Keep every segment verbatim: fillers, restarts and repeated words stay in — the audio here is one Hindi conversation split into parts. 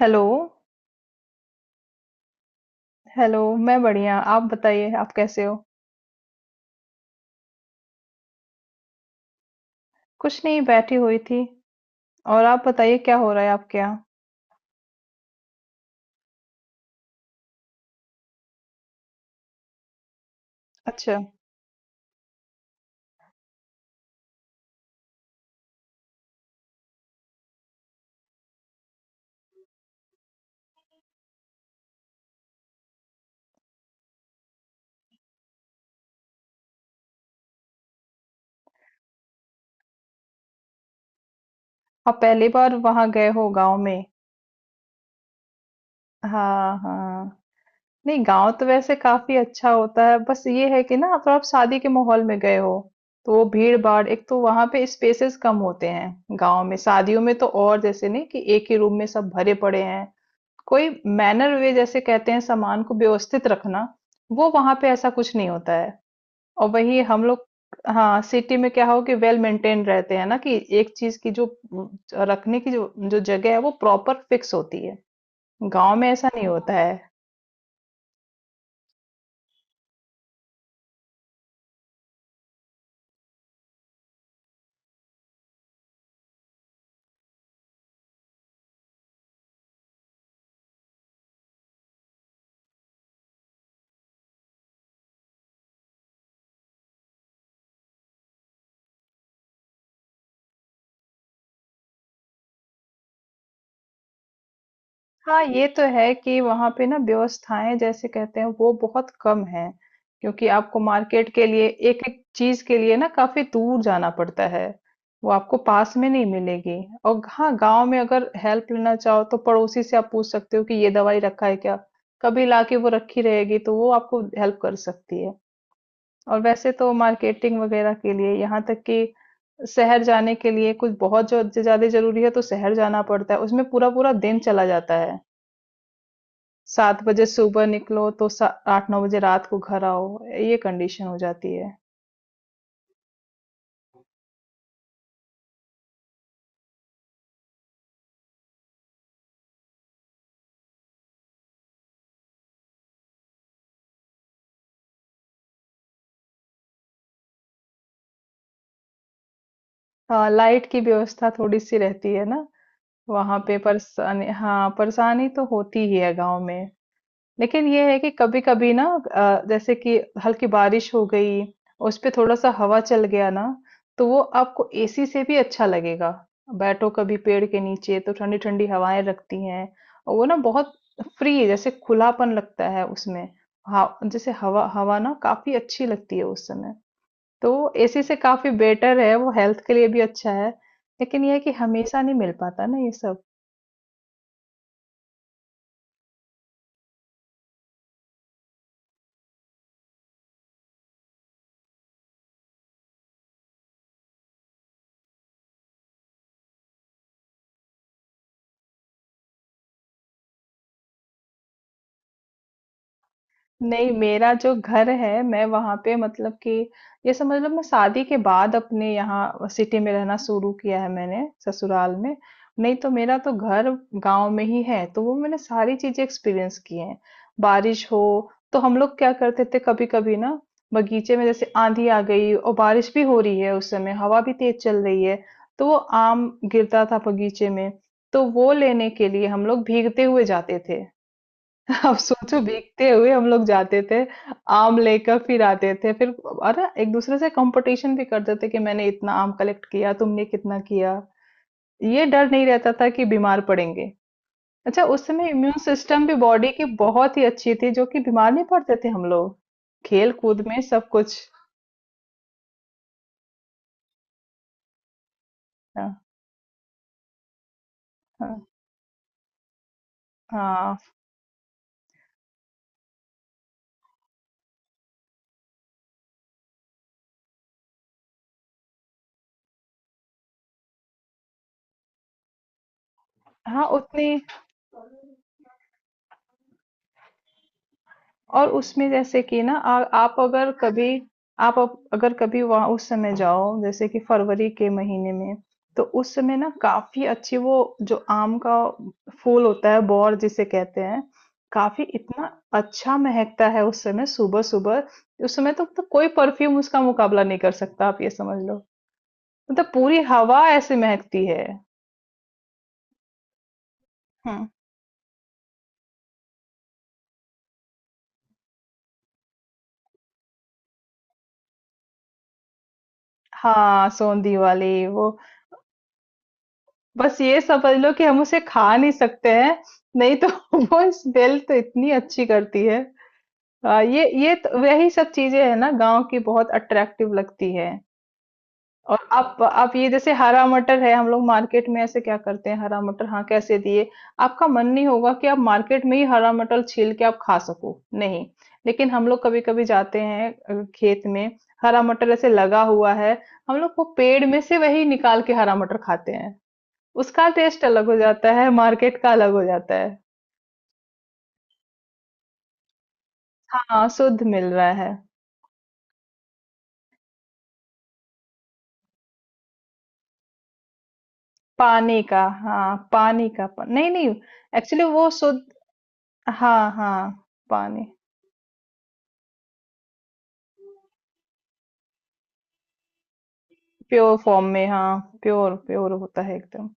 हेलो। हेलो। मैं बढ़िया, आप बताइए, आप कैसे हो? कुछ नहीं, बैठी हुई थी। और आप बताइए, क्या हो रहा है आपके यहाँ? अच्छा। आप पहली बार वहां गए हो गांव में? हाँ, हाँ। नहीं, गांव तो वैसे काफी अच्छा होता है, बस ये है कि ना आप आप शादी के माहौल में गए हो। तो वो भीड़ भाड़, एक तो वहां पे स्पेसेस कम होते हैं। गांव में शादियों में तो, और जैसे नहीं कि एक ही रूम में सब भरे पड़े हैं। कोई मैनर वे जैसे कहते हैं, सामान को व्यवस्थित रखना। वो वहां पे ऐसा कुछ नहीं होता है। और वही हम लोग। हाँ, सिटी में क्या हो कि वेल मेंटेन रहते हैं ना, कि एक चीज की जो अम, रखने की जो जो जगह है, वो प्रॉपर फिक्स होती है। गांव में ऐसा नहीं होता है। हाँ, ये तो है कि वहाँ पे ना व्यवस्थाएं जैसे कहते हैं, वो बहुत कम है। क्योंकि आपको मार्केट के लिए एक एक चीज के लिए ना काफी दूर जाना पड़ता है। वो आपको पास में नहीं मिलेगी। और हाँ, गांव में अगर हेल्प लेना चाहो तो पड़ोसी से आप पूछ सकते हो कि ये दवाई रखा है क्या। कभी लाके वो रखी रहेगी तो वो आपको हेल्प कर सकती है। और वैसे तो मार्केटिंग वगैरह के लिए, यहाँ तक कि शहर जाने के लिए कुछ बहुत जो ज्यादा जरूरी है तो शहर जाना पड़ता है, उसमें पूरा पूरा दिन चला जाता है। सात बजे सुबह निकलो तो सा आठ नौ बजे रात को घर आओ, ये कंडीशन हो जाती है। हाँ, लाइट की व्यवस्था थोड़ी-सी रहती है ना, वहाँ पे परेशानी, हाँ, परेशानी तो होती ही है गाँव में। लेकिन ये है कि कभी-कभी ना अ, जैसे कि हल्की बारिश हो गई, उस पे थोड़ा-सा हवा चल गया ना, तो वो आपको एसी से भी अच्छा लगेगा। बैठो कभी पेड़ के नीचे तो ठंडी-ठंडी हवाएं लगती हैं। और वो ना बहुत फ्री जैसे खुलापन लगता है उसमें। हाँ, जैसे हवा हवा ना काफ़ी अच्छी लगती है उस समय। तो एसी से काफ़ी बेटर है, वो हेल्थ के लिए भी अच्छा है। लेकिन ये है कि हमेशा नहीं मिल पाता ना ये सब। नहीं, मेरा जो घर है, मैं वहां पे मतलब कि ये समझ लो, मैं शादी के बाद अपने यहाँ सिटी में रहना शुरू किया है मैंने, ससुराल में। नहीं तो मेरा तो घर गांव में ही है, तो वो मैंने सारी चीजें एक्सपीरियंस की हैं। बारिश हो तो हम लोग क्या करते थे कभी कभी ना, बगीचे में जैसे आंधी आ गई और बारिश भी हो रही है, उस समय हवा भी तेज चल रही है, तो वो आम गिरता था बगीचे में। तो वो लेने के लिए हम लोग भीगते हुए जाते थे। अब सोचो, भीगते हुए हम लोग जाते थे, आम लेकर फिर आते थे। फिर अरे, एक दूसरे से कंपटीशन भी करते थे कि मैंने इतना आम कलेक्ट किया, तुमने कितना किया। ये डर नहीं रहता था कि बीमार पड़ेंगे। अच्छा, उस समय इम्यून सिस्टम भी बॉडी की बहुत ही अच्छी थी, जो कि बीमार नहीं पड़ते थे हम लोग। खेल कूद में सब कुछ। हाँ, हाँ, हाँ। हाँ, उतनी। और उसमें जैसे कि ना, आ, आप अगर कभी आप अप- अगर कभी वहां उस समय जाओ जैसे कि फरवरी के महीने में, तो उस समय ना काफी अच्छी वो, जो आम का फूल होता है, बौर जिसे कहते हैं, काफी इतना अच्छा महकता है उस समय सुबह सुबह। उस समय तो, तो कोई परफ्यूम उसका मुकाबला नहीं कर सकता, आप ये समझ लो। मतलब पूरी हवा ऐसे महकती है। हम्म। हाँ, सोंधी वाली। वो, बस ये समझ लो कि हम उसे खा नहीं सकते हैं। नहीं तो वो स्मेल तो इतनी अच्छी करती है। आ, ये ये तो, वही सब चीजें है ना गांव की, बहुत अट्रैक्टिव लगती है। और आप आप ये जैसे हरा मटर है, हम लोग मार्केट में ऐसे क्या करते हैं, हरा मटर, हाँ, कैसे दिए। आपका मन नहीं होगा कि आप मार्केट में ही हरा मटर छील के आप खा सको, नहीं। लेकिन हम लोग कभी कभी जाते हैं अ, खेत में। हरा मटर ऐसे लगा हुआ है, हम लोग वो पेड़ में से वही निकाल के हरा मटर खाते हैं। उसका टेस्ट अलग हो जाता है, मार्केट का अलग हो जाता है। हाँ, शुद्ध मिल रहा है। पानी का, हाँ, पानी का पा, नहीं, नहीं। एक्चुअली वो शुद्ध। हाँ, हाँ। पानी प्योर फॉर्म में, हाँ, प्योर प्योर होता है एकदम।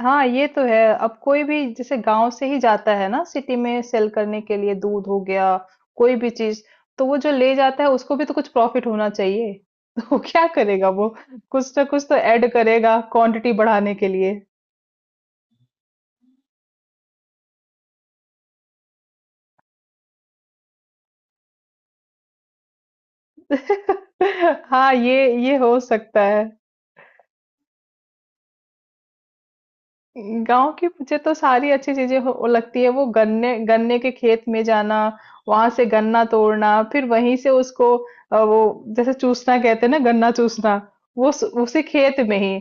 हाँ, ये तो है, अब कोई भी जैसे गांव से ही जाता है ना सिटी में सेल करने के लिए, दूध हो गया, कोई भी चीज, तो वो जो ले जाता है उसको भी तो कुछ प्रॉफिट होना चाहिए। तो वो क्या करेगा, वो कुछ ना कुछ तो ऐड करेगा क्वांटिटी बढ़ाने के लिए। हाँ, ये ये हो सकता है। गांव की मुझे तो सारी अच्छी चीजें हो लगती है, वो गन्ने गन्ने के खेत में जाना, वहां से गन्ना तोड़ना, फिर वहीं से उसको अ, वो जैसे चूसना कहते हैं ना, गन्ना चूसना, वो उस- उसी खेत में ही,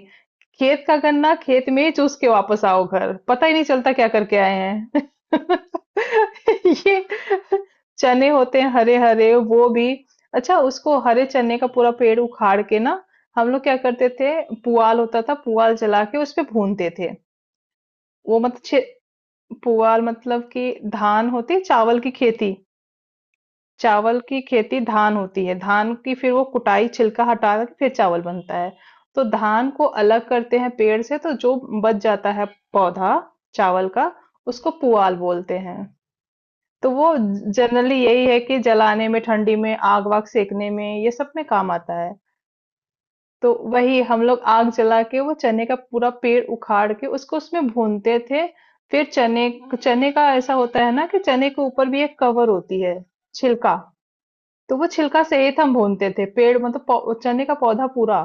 खेत का गन्ना खेत में ही चूस के वापस आओ, घर पता ही नहीं चलता क्या करके आए हैं। ये चने होते हैं हरे हरे, वो भी। अच्छा, उसको हरे चने का पूरा पेड़ उखाड़ के ना, हम लोग क्या करते थे, पुआल होता था, पुआल जला के उस पे भूनते थे। वो मत छे पुआल मतलब कि धान होती है, चावल की खेती। चावल की खेती धान होती है, धान की फिर वो कुटाई, छिलका हटा के फिर चावल बनता है। तो धान को अलग करते हैं पेड़ से, तो जो बच जाता है पौधा चावल का, उसको पुआल बोलते हैं। तो वो जनरली यही है कि जलाने में, ठंडी में आग वाग सेकने में, ये सब में काम आता है। तो वही हम लोग आग जला के वो चने का पूरा पेड़ उखाड़ के उसको उसमें भूनते थे। फिर चने, चने का ऐसा होता है ना कि चने के ऊपर भी एक कवर होती है, छिलका। तो वो छिलका सहित हम भूनते थे पेड़, मतलब पौ- चने का पौधा पूरा।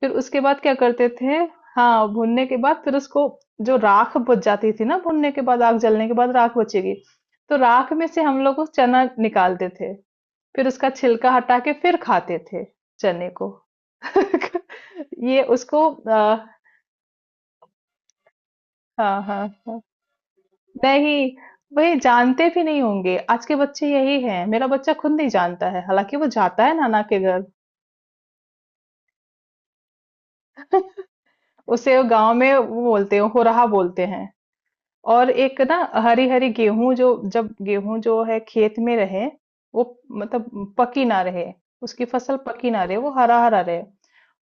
फिर उसके बाद क्या करते थे, हाँ, भूनने के बाद फिर उसको, जो राख बच जाती थी ना भूनने के बाद, आग जलने के बाद राख बचेगी, तो राख में से हम लोग वो चना निकालते थे। फिर उसका छिलका हटा के फिर खाते थे, चने को। ये उसको आ, हाँ, हाँ, हाँ। नहीं, वही जानते भी नहीं होंगे आज के बच्चे, यही हैं, मेरा बच्चा खुद नहीं जानता है, हालांकि वो जाता है नाना के घर। उसे वो गांव में वो बोलते हैं, हो रहा बोलते हैं। और एक ना, हरी हरी गेहूं जो, जब गेहूं जो है खेत में रहे, वो मतलब पकी ना रहे, उसकी फसल पकी ना रहे, वो हरा हरा रहे,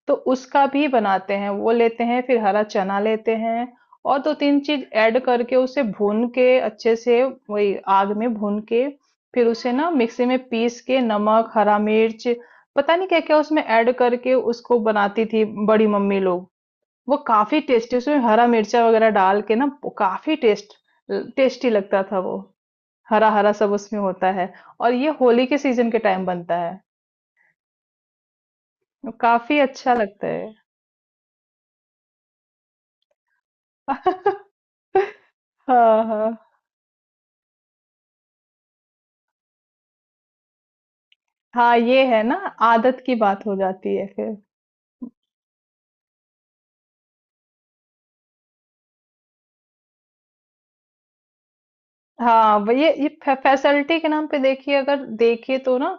तो उसका भी बनाते हैं, वो लेते हैं, फिर हरा चना लेते हैं और दो तीन चीज ऐड करके उसे भून के अच्छे से, वही आग में भून के, फिर उसे ना मिक्सी में पीस के, नमक, हरा मिर्च, पता नहीं क्या क्या उसमें ऐड करके उसको बनाती थी बड़ी मम्मी लोग। वो काफी टेस्टी, उसमें हरा मिर्चा वगैरह डाल के ना, वो काफी टेस्ट टेस्टी लगता था वो। हरा हरा सब उसमें होता है। और ये होली के सीजन के टाइम बनता है। काफी अच्छा लगता है। हाँ, हाँ, हाँ, ये है ना, आदत की बात हो जाती है फिर। हाँ, वो ये ये फैसिलिटी के नाम पे देखिए, अगर देखिए तो ना,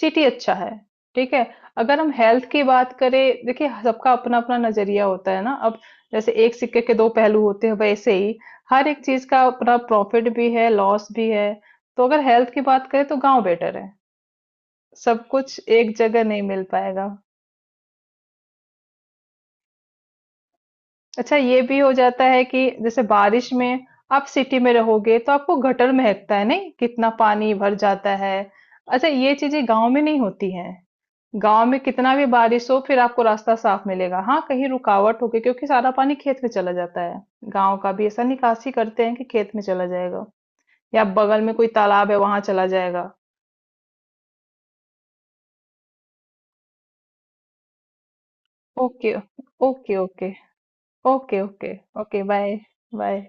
सिटी अच्छा है, ठीक है। अगर हम हेल्थ की बात करें, देखिए सबका अपना अपना नजरिया होता है ना। अब जैसे एक सिक्के के दो पहलू होते हैं, वैसे ही हर एक चीज का अपना प्रॉफिट भी है, लॉस भी है। तो अगर हेल्थ की बात करें तो गांव बेटर है, सब कुछ एक जगह नहीं मिल पाएगा। अच्छा, ये भी हो जाता है कि जैसे बारिश में आप सिटी में रहोगे तो आपको गटर महकता है, नहीं, कितना पानी भर जाता है। अच्छा, ये चीजें गांव में नहीं होती हैं। गांव में कितना भी बारिश हो, फिर आपको रास्ता साफ मिलेगा, हाँ, कहीं रुकावट होगी, क्योंकि सारा पानी खेत में चला जाता है। गांव का भी ऐसा निकासी करते हैं कि खेत में चला जाएगा, या बगल में कोई तालाब है वहां चला जाएगा। Okay. Okay, okay. Okay, okay. Okay, bye, bye.